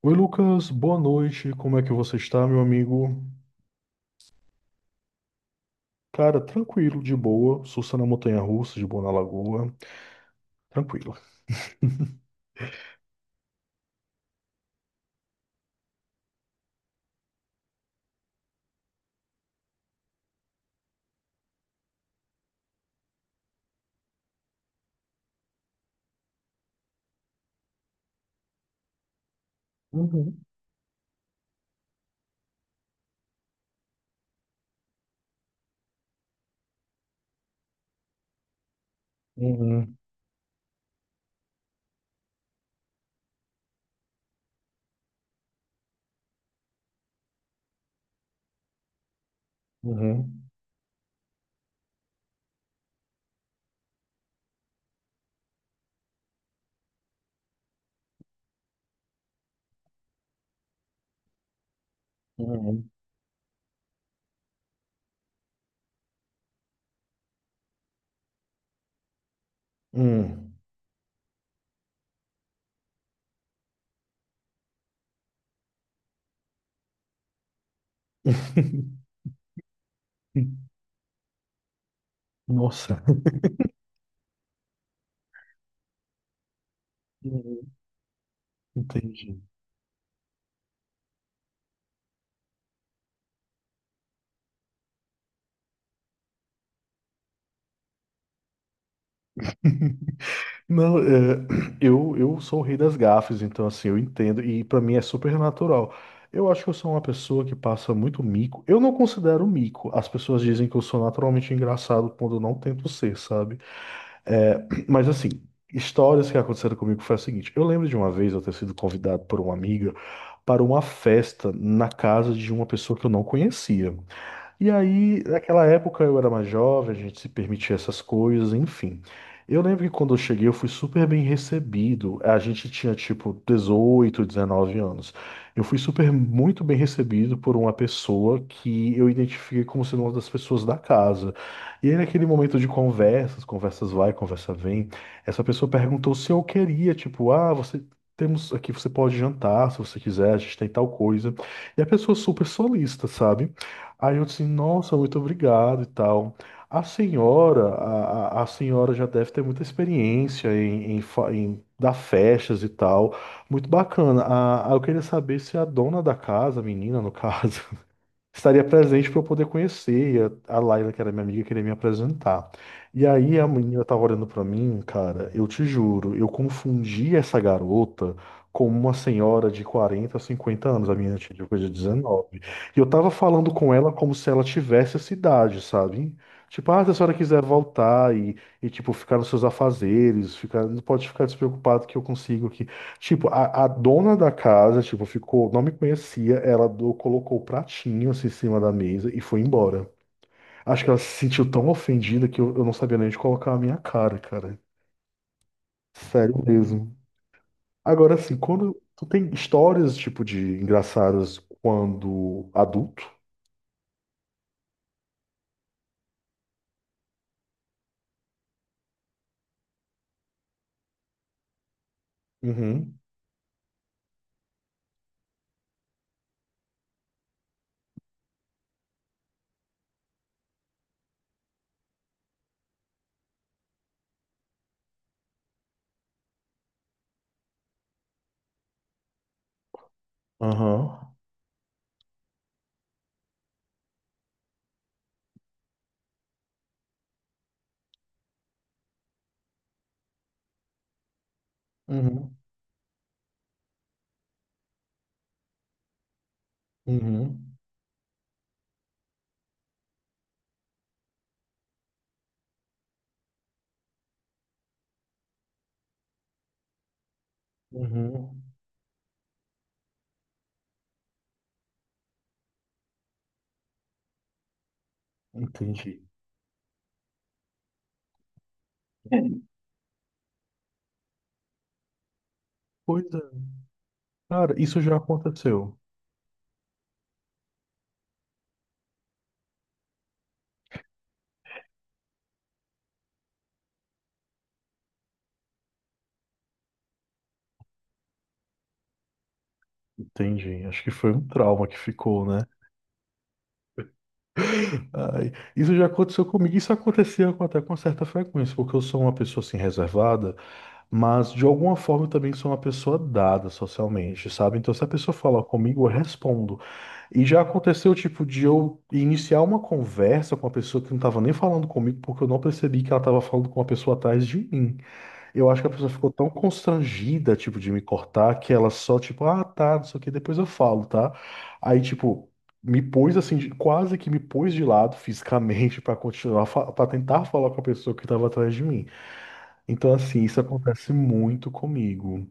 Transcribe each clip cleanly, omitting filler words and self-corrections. Oi, Lucas, boa noite. Como é que você está, meu amigo? Cara, tranquilo, de boa. Sussa na montanha-russa, de boa na lagoa. Tranquilo. Uhum. Uhum. Uhum. Uhum. Hum. Nossa. Uhum. Entendi. Não, eu sou o rei das gafes, então assim, eu entendo e pra mim é super natural. Eu acho que eu sou uma pessoa que passa muito mico. Eu não considero mico. As pessoas dizem que eu sou naturalmente engraçado quando eu não tento ser, sabe? É, Mas assim, histórias que aconteceram comigo foi a seguinte. Eu lembro de uma vez eu ter sido convidado por uma amiga para uma festa na casa de uma pessoa que eu não conhecia. E aí, naquela época eu era mais jovem, a gente se permitia essas coisas, enfim. Eu lembro que quando eu cheguei eu fui super bem recebido. A gente tinha tipo 18, 19 anos. Eu fui super muito bem recebido por uma pessoa que eu identifiquei como sendo uma das pessoas da casa. E aí naquele momento de conversas, conversas vai, conversa vem, essa pessoa perguntou se eu queria, tipo, ah, você temos aqui, você pode jantar se você quiser, a gente tem tal coisa. E a pessoa super solista, sabe? Aí eu disse, nossa, muito obrigado e tal. A senhora, a senhora já deve ter muita experiência em dar festas e tal. Muito bacana. Ah, ah, eu queria saber se a dona da casa, a menina no caso, estaria presente para eu poder conhecer. E a Laila, que era minha amiga, queria me apresentar. E aí a menina tava olhando para mim, cara, eu te juro, eu confundi essa garota com uma senhora de 40, 50 anos, a minha tinha coisa de 19. E eu tava falando com ela como se ela tivesse essa idade, sabe? Tipo, ah, se a senhora quiser voltar e tipo, ficar nos seus afazeres, ficar, não pode ficar despreocupado que eu consigo. Tipo, a dona da casa, tipo, ficou, não me conhecia, ela colocou o pratinho assim em cima da mesa e foi embora. Acho que ela se sentiu tão ofendida que eu não sabia nem onde colocar a minha cara, cara. Sério mesmo. Agora, assim, quando tu tem histórias, tipo, de engraçadas quando adulto? Uhum. Aham. Uhum. Uhum. Uhum. Entendi. Pois é, cara, isso já aconteceu. Entendi. Acho que foi um trauma que ficou, né? Ai, isso já aconteceu comigo, isso acontecia até com certa frequência, porque eu sou uma pessoa assim reservada, mas de alguma forma eu também sou uma pessoa dada socialmente, sabe? Então se a pessoa falar comigo, eu respondo. E já aconteceu tipo de eu iniciar uma conversa com uma pessoa que não estava nem falando comigo, porque eu não percebi que ela estava falando com uma pessoa atrás de mim. Eu acho que a pessoa ficou tão constrangida, tipo, de me cortar, que ela só, tipo, ah, tá, não sei o que, depois eu falo, tá? Aí, tipo, me pôs assim, quase que me pôs de lado fisicamente pra continuar, pra tentar falar com a pessoa que tava atrás de mim. Então, assim, isso acontece muito comigo.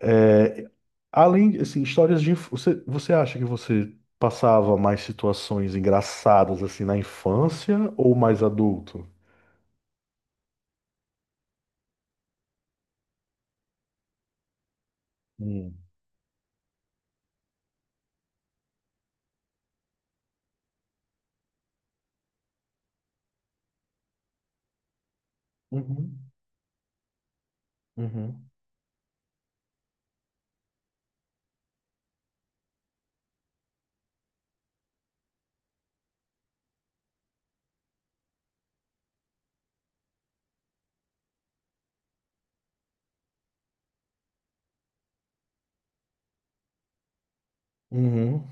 É, além, assim, histórias Você acha que você passava mais situações engraçadas, assim, na infância ou mais adulto? Hum. Uhum. Uhum. Uhum.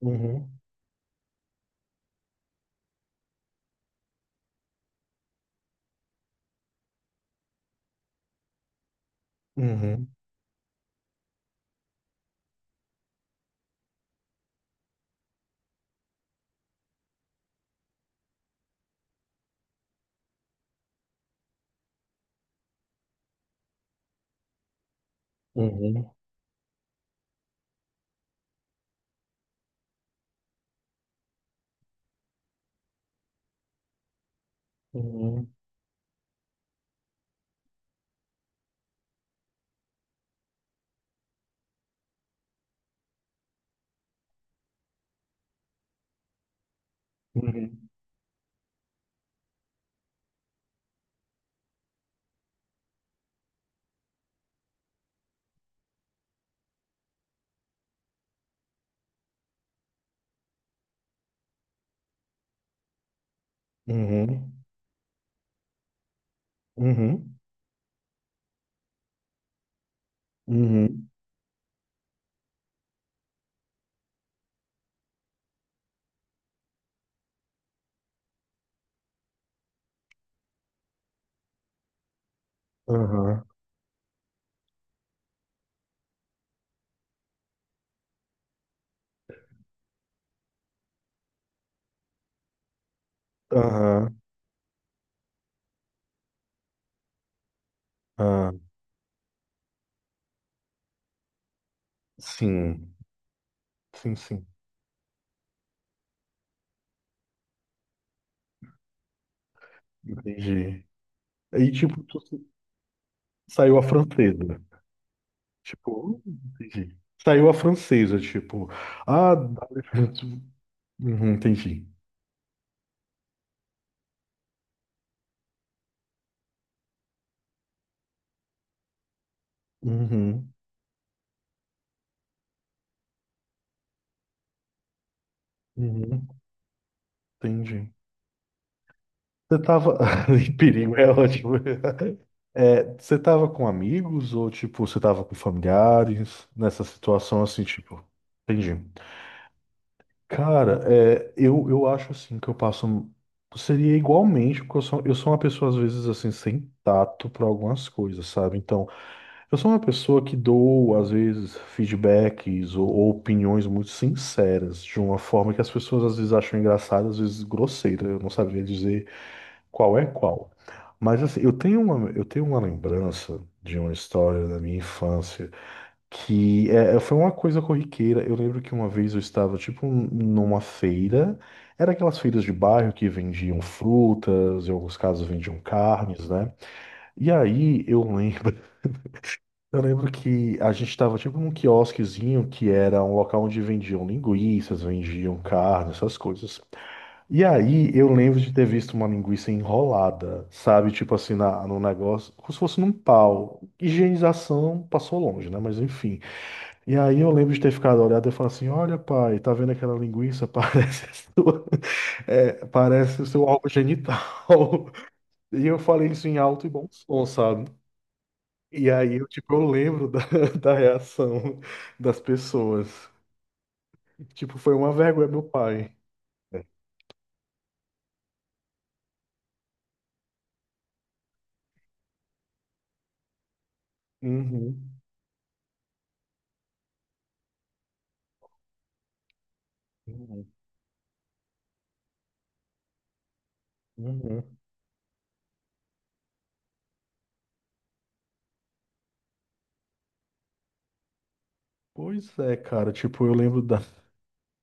Uhum. Uhum. Uhum. Uhum. Uhum. Uhum. Uhum. Uhum. Aham. Aham. Ah. Sim. Sim. Sim. Entendi. Aí, tipo, saiu a francesa, tipo, entendi. Saiu a francesa, tipo, ah, dá. Uhum. Entendi. Uhum. Uhum. Entendi. Você tava, em perigo, é ótimo. Você tava com amigos ou, tipo, você tava com familiares nessa situação, assim, tipo, entendi. Cara, eu acho assim que eu passo. Seria igualmente, porque eu sou uma pessoa, às vezes, assim, sem tato para algumas coisas, sabe? Então, eu sou uma pessoa que dou, às vezes, feedbacks ou opiniões muito sinceras, de uma forma que as pessoas às vezes acham engraçada, às vezes grosseira. Eu não sabia dizer qual é qual. Mas assim, eu tenho uma lembrança de uma história da minha infância. Que foi uma coisa corriqueira. Eu lembro que uma vez eu estava, tipo, numa feira. Era aquelas feiras de bairro que vendiam frutas, em alguns casos vendiam carnes, né? E aí eu lembro, eu lembro que a gente estava, tipo, num quiosquezinho que era um local onde vendiam linguiças, vendiam carne, essas coisas. E aí eu lembro de ter visto uma linguiça enrolada, sabe? Tipo assim, na, no negócio, como se fosse num pau. Higienização passou longe, né? Mas enfim. E aí eu lembro de ter ficado olhado e falar assim, olha, pai, tá vendo aquela linguiça? Parece a sua, parece o seu órgão genital. E eu falei isso em alto e bom som, sabe? E aí eu, tipo, eu lembro da, da reação das pessoas. Tipo, foi uma vergonha, meu pai. Uhum. Uhum. Uhum. Pois é, cara, tipo, eu lembro da,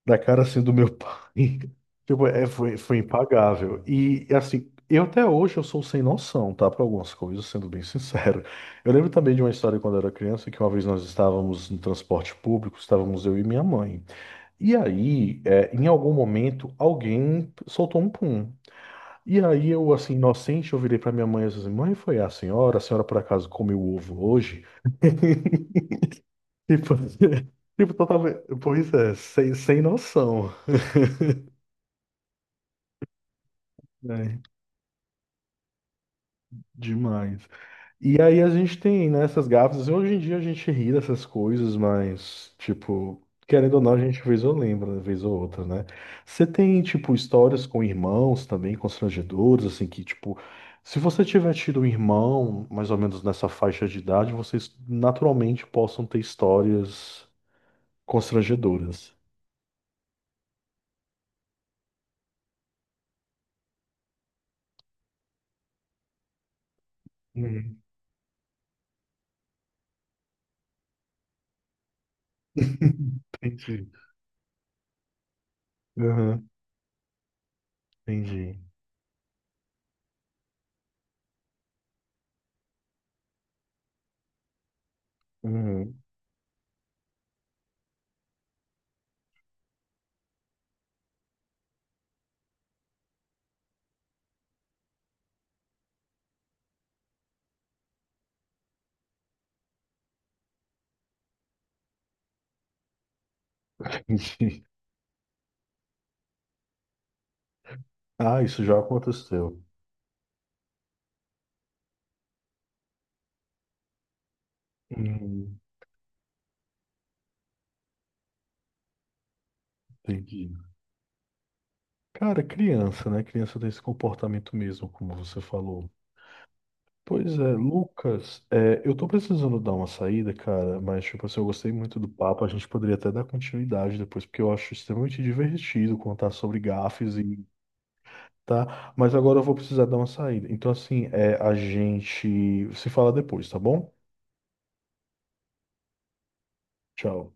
da cara assim do meu pai. Tipo, foi impagável. E assim, eu até hoje eu sou sem noção, tá? Para algumas coisas, sendo bem sincero. Eu lembro também de uma história quando eu era criança, que uma vez nós estávamos no transporte público, estávamos eu e minha mãe. E aí, em algum momento, alguém soltou um pum. E aí eu, assim, inocente, eu virei pra minha mãe e disse assim, mãe, foi a senhora? A senhora por acaso comeu ovo hoje? Tipo, tipo, totalmente. Pois é, sem noção, né? Demais. E aí a gente tem, né, essas gafas, assim. Hoje em dia a gente ri dessas coisas, mas, tipo, querendo ou não, a gente vez ou lembra, né, vez ou outra, né? Você tem, tipo, histórias com irmãos também, constrangedoras, assim, que, tipo, se você tiver tido um irmão, mais ou menos nessa faixa de idade, vocês naturalmente possam ter histórias constrangedoras. Uhum. Entendi. Uhum. Entendi. Uhum. Entendi. Ah, isso já aconteceu. Uhum. Entendi. Cara, criança, né? Criança tem esse comportamento mesmo, como você falou. Pois é, Lucas, eu tô precisando dar uma saída, cara, mas, tipo assim, eu gostei muito do papo. A gente poderia até dar continuidade depois, porque eu acho extremamente divertido contar sobre gafes e tá. Mas agora eu vou precisar dar uma saída. Então, assim, a gente se fala depois, tá bom? Tchau.